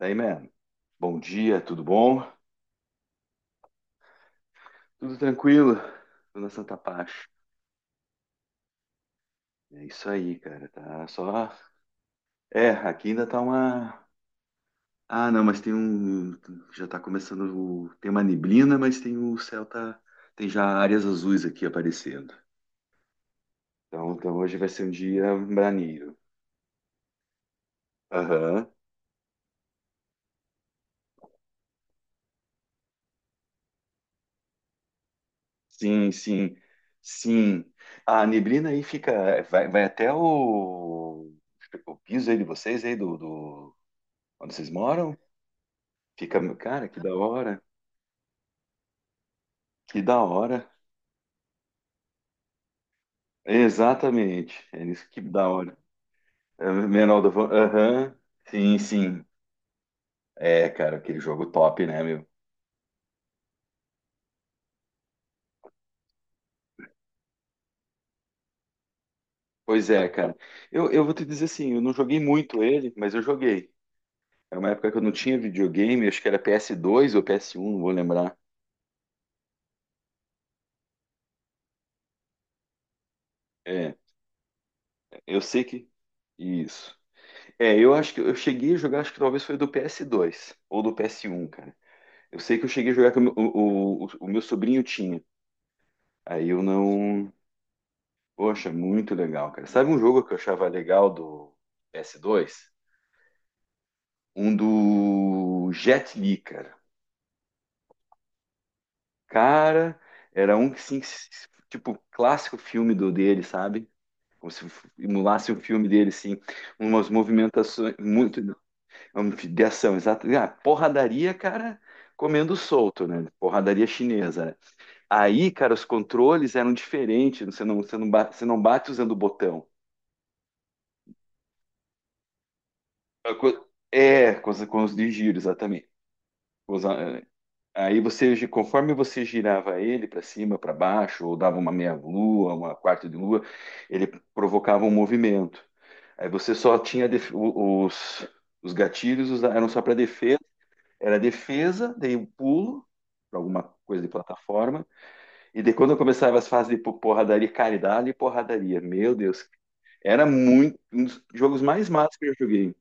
Daí, man. Bom dia, tudo bom? Tudo tranquilo? Tudo na Santa Paz. É isso aí, cara. Tá só. É, aqui ainda tá uma. Ah, não, mas tem um. Já tá começando. Tem uma neblina, mas tem o céu tá. Tem já áreas azuis aqui aparecendo. Então hoje vai ser um dia braneiro. Aham. Sim, sim. Sim. A neblina aí fica. Vai até o. O piso aí de vocês, aí do... Onde vocês moram? Fica, cara, que da hora, que da hora. Exatamente, é isso que da hora. É, Menor do aham, sim, sim. É, cara, aquele jogo top, né, meu? Pois é, cara. Eu vou te dizer assim, eu não joguei muito ele, mas eu joguei. É uma época que eu não tinha videogame, acho que era PS2 ou PS1, não vou lembrar. É, eu sei que. Isso. É, eu acho que eu cheguei a jogar, acho que talvez foi do PS2 ou do PS1, cara. Eu sei que eu cheguei a jogar que o meu sobrinho tinha. Aí eu não, poxa, muito legal, cara. Sabe um jogo que eu achava legal do P s 2? Um do Jet Li, cara. Cara, era um que, sim, tipo, clássico filme do dele, sabe? Como se emulasse o filme dele, assim. Umas movimentações muito de ação, exato. Ah, porradaria, cara, comendo solto, né? Porradaria chinesa, né? Aí, cara, os controles eram diferentes. Você não bate usando o botão. É, com os de giro, exatamente. Usa- eh, Aí você, conforme você girava ele para cima, para baixo, ou dava uma meia lua, uma quarta de lua, ele provocava um movimento. Aí você só tinha os gatilhos eram só para defesa, era defesa, daí o pulo para alguma coisa de plataforma, e daí quando eu começava as fases de porradaria, cara, e dali porradaria, meu Deus, era muito um dos jogos mais matos que eu joguei.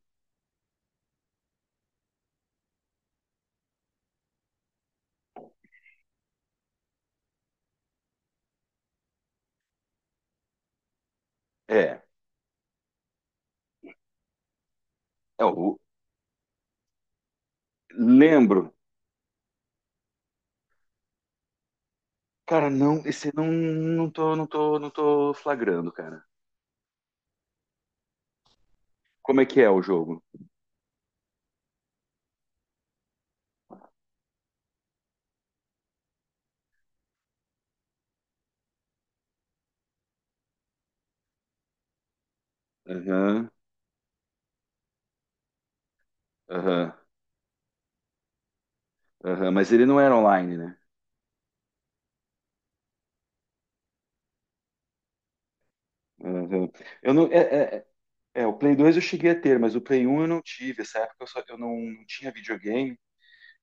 É, é o lembro, cara, não, esse não, não tô flagrando, cara. Como é que é o jogo? Aham, aham, aham. Mas ele não era online, né? Aham. Eu não, é, é, é, é, o Play 2 eu cheguei a ter, mas o Play 1 eu não tive. Essa época eu, só, eu não, não tinha videogame,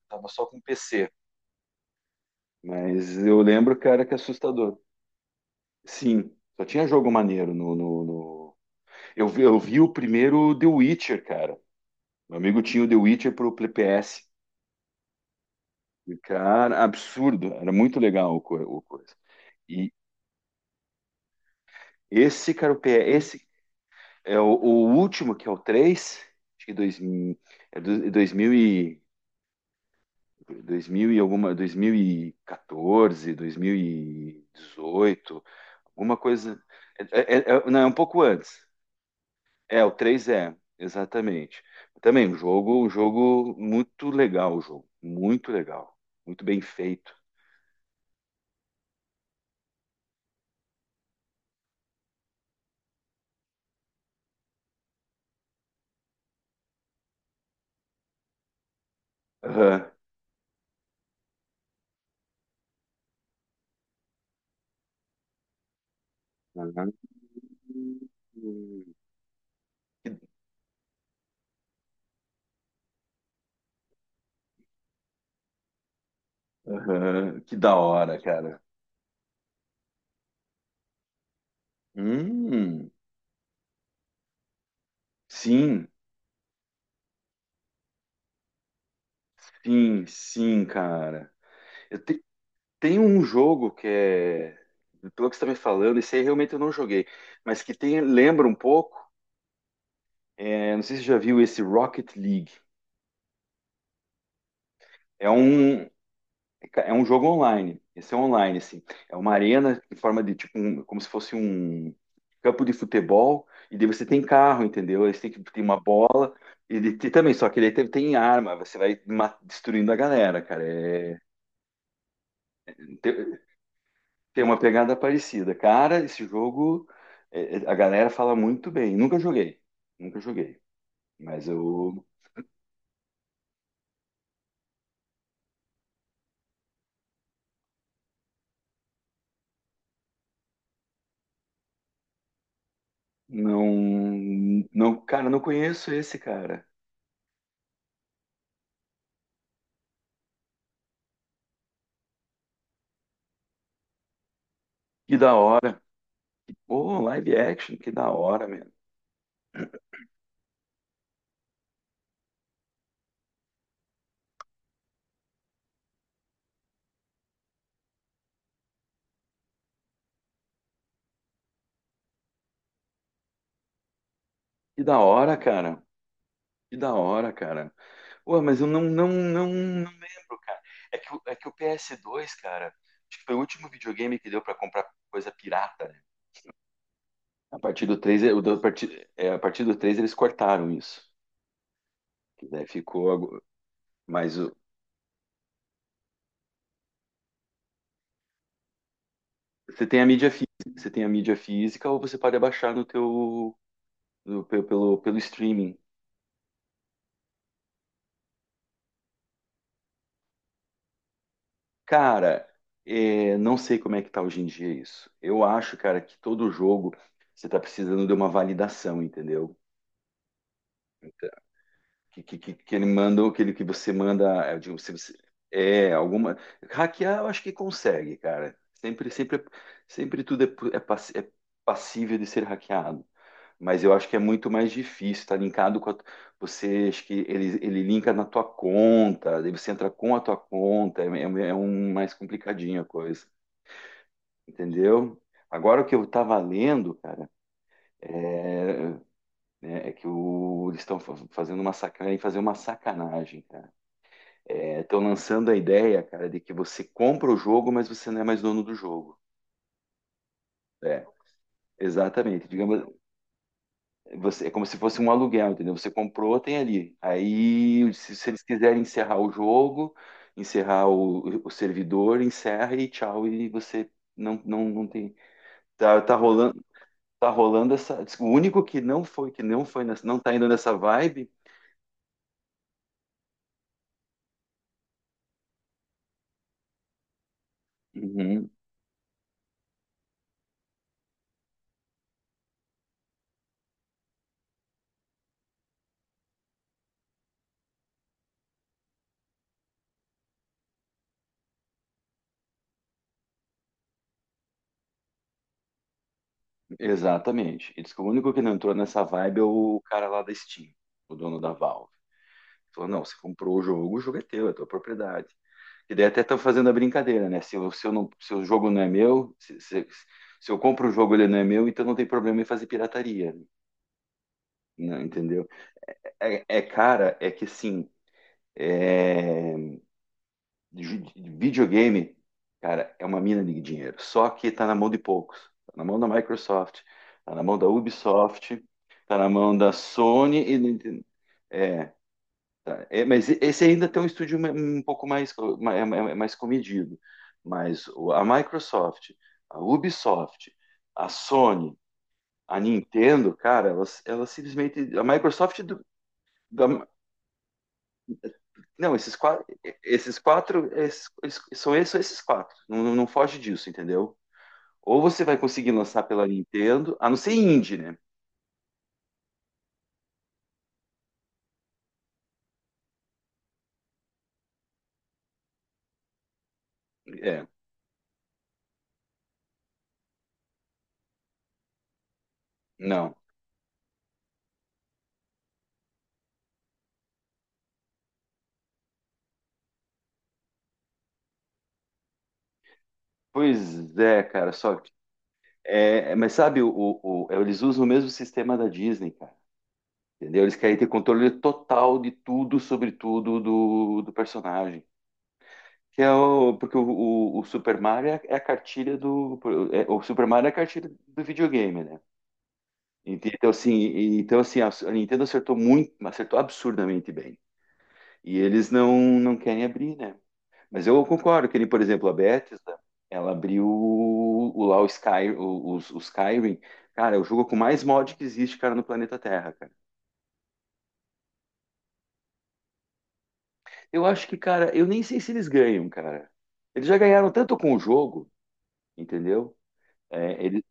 tava só com PC. Mas eu lembro, cara, que é assustador. Sim, só tinha jogo maneiro eu vi o primeiro The Witcher, cara. Meu amigo tinha o The Witcher pro PS. E, cara, absurdo. Era muito legal o coisa. E esse, cara, o PE, esse é o último, que é o três, acho que é 2000 e alguma, 2014, 2018, alguma coisa. É, não, é um pouco antes. É, o 3 é, exatamente. Também um jogo muito legal, o jogo. Muito legal. Muito bem feito. Aham. Aham. Aham, que da hora, cara. Hum, sim. Sim, sim, cara. Eu te, tem um jogo que é, pelo que você está me falando, esse aí realmente eu não joguei, mas que tem, lembra um pouco, é, não sei se você já viu esse Rocket League. É um, é um jogo online. Esse é online, assim. É uma arena em forma de tipo, um, como se fosse um campo de futebol, e daí você tem carro, entendeu? Aí você tem que tem uma bola, e, ele tem também, só que ele tem, tem arma, você vai destruindo a galera, cara. É, tem uma pegada parecida. Cara, esse jogo, a galera fala muito bem. Nunca joguei, nunca joguei. Mas eu não, não, cara, não conheço esse cara. Que da hora. Pô, live action, que da hora, mesmo. Que da hora, cara. Que da hora, cara. Pô, mas eu não lembro, cara. É que, é que o ps dois, cara, acho que foi o último videogame que deu pra comprar coisa pirata, né? A partir do 3, é, o a partir, é, a partir do 3 eles cortaram isso. Que daí ficou. Mas o- você tem a mídia física, você tem a mídia física ou você pode abaixar no teu pelo streaming. Cara, é, não sei como é que tá hoje em dia isso. Eu acho, cara, que todo jogo você tá precisando de uma validação, entendeu? Que ele manda, ou aquele que você manda, eu digo, se você, é alguma hackear, eu acho que consegue, cara. Sempre tudo é, é passível de ser hackeado. Mas eu acho que é muito mais difícil, tá linkado com a, você, acho que ele linka na tua conta, daí você entra com a tua conta, é é um mais complicadinho a coisa, entendeu? Agora o que eu tava lendo, cara, é, né, é que o, eles estão fazendo uma sacanagem, fazer uma sacanagem, cara. Estão lançando a ideia, cara, de que você compra o jogo, mas você não é mais dono do jogo. É, exatamente. Digamos, você, é como se fosse um aluguel, entendeu? Você comprou, tem ali. Aí, se eles quiserem encerrar o jogo, encerrar o servidor, encerra e tchau, e você não tem. Tá, tá rolando essa. O único que não foi, nessa, não tá indo nessa vibe. Uhum, exatamente. Ele disse que o único que não entrou nessa vibe é o cara lá da Steam, o dono da Valve. Falou, não, você comprou o jogo é teu, é tua propriedade. E daí até estão fazendo a brincadeira, né? Se o jogo não é meu, se eu compro o jogo ele não é meu, então não tem problema em fazer pirataria, né? Entendeu? Cara, é que assim, é, videogame, cara, é uma mina de dinheiro. Só que tá na mão de poucos. Tá na mão da Microsoft, tá na mão da Ubisoft, tá na mão da Sony e... né, é, tá, é, mas esse ainda tem um estúdio um pouco mais, é mais comedido. A Microsoft, a Ubisoft, a Sony, a Nintendo, cara, elas simplesmente. A Microsoft. Da- não, esses quatro. Esses quatro. São esses quatro. Não foge disso, entendeu? Ou você vai conseguir lançar pela Nintendo, a não ser indie, né? É, não. Pois é, cara, só que. É, mas sabe, eles usam o mesmo sistema da Disney, cara. Entendeu? Eles querem ter controle total de tudo, sobre tudo do personagem. Que é o, porque o Super Mario é a cartilha do. O Super Mario é a cartilha do videogame, né? Então, assim a Nintendo acertou muito, acertou absurdamente bem. E eles não, não querem abrir, né? Mas eu concordo que, ele, por exemplo, a Bethesda, ela abriu o lá o Skyrim. Cara, é o jogo com mais mod que existe, cara, no planeta Terra, cara. Eu acho que, cara, eu nem sei se eles ganham, cara. Eles já ganharam tanto com o jogo, entendeu? É, ele,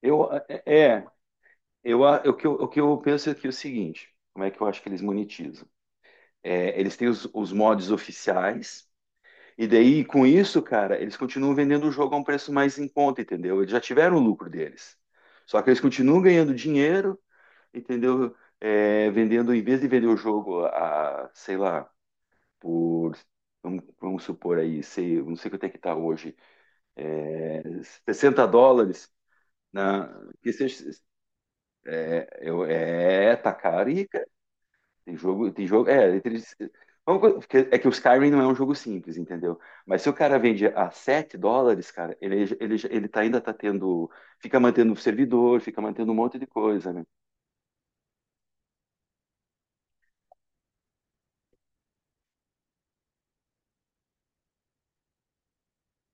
eu, é, é, eu, a, o que eu penso aqui é o seguinte: como é que eu acho que eles monetizam? É, eles têm os mods oficiais, e daí, com isso, cara, eles continuam vendendo o jogo a um preço mais em conta, entendeu? Eles já tiveram o lucro deles. Só que eles continuam ganhando dinheiro, entendeu? É, vendendo, em vez de vender o jogo a, sei lá, por, vamos supor aí, sei, não sei quanto é que está hoje, é, 60 dólares, na, que seja, é, é, tá caro e tem jogo, é, entre, vamos é que o Skyrim não é um jogo simples, entendeu? Mas se o cara vende a 7 dólares, cara, ele tá, ainda tá tendo, fica mantendo o servidor, fica mantendo um monte de coisa, né?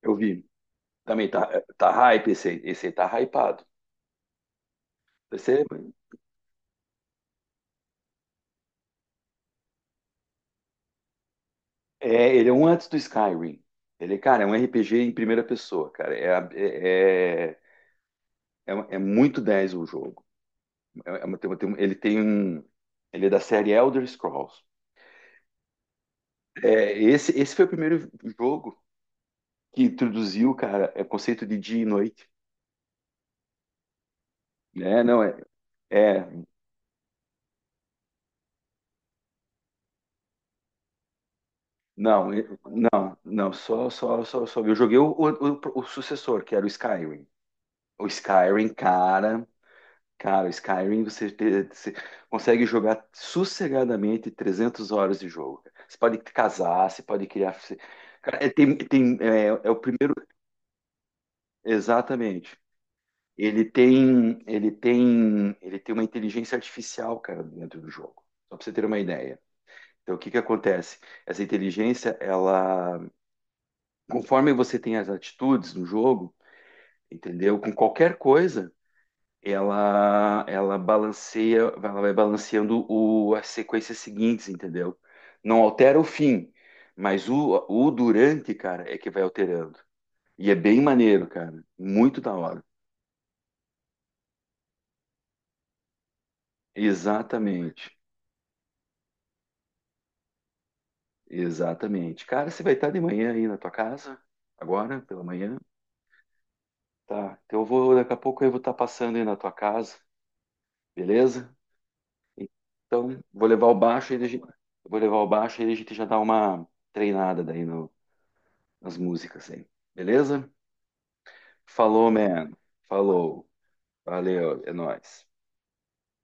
Eu vi. Também tá, tá hype esse aí tá hypado. Percebe? É, ele é um antes do Skyrim. Ele, cara, é um RPG em primeira pessoa, cara. É muito 10 o jogo. Ele tem um. Ele é da série Elder Scrolls. É, esse foi o primeiro jogo que introduziu, cara, é o conceito de dia e noite. É, não, é. É, não, não, só. Eu joguei o sucessor, que era o Skyrim. O Skyrim, cara. Cara, Skyrim você, você consegue jogar sossegadamente 300 horas de jogo. Cara. Você pode casar, você pode criar. Cara, é, tem, tem, é, é o primeiro. Exatamente. Ele tem uma inteligência artificial, cara, dentro do jogo. Só para você ter uma ideia. Então, o que que acontece? Essa inteligência, ela, conforme você tem as atitudes no jogo, entendeu? Com qualquer coisa, ela balanceia, ela vai balanceando o, as sequências seguintes, entendeu? Não altera o fim, mas o durante, cara, é que vai alterando. E é bem maneiro, cara. Muito da hora. Exatamente. Exatamente. Cara, você vai estar de manhã aí na tua casa? Agora, pela manhã? Tá. Então eu vou, daqui a pouco eu vou estar passando aí na tua casa, beleza? Então, vou levar o baixo e a gente, vou levar o baixo e a gente já dá uma treinada daí no as músicas aí. Beleza? Falou, man. Falou. Valeu, é nóis.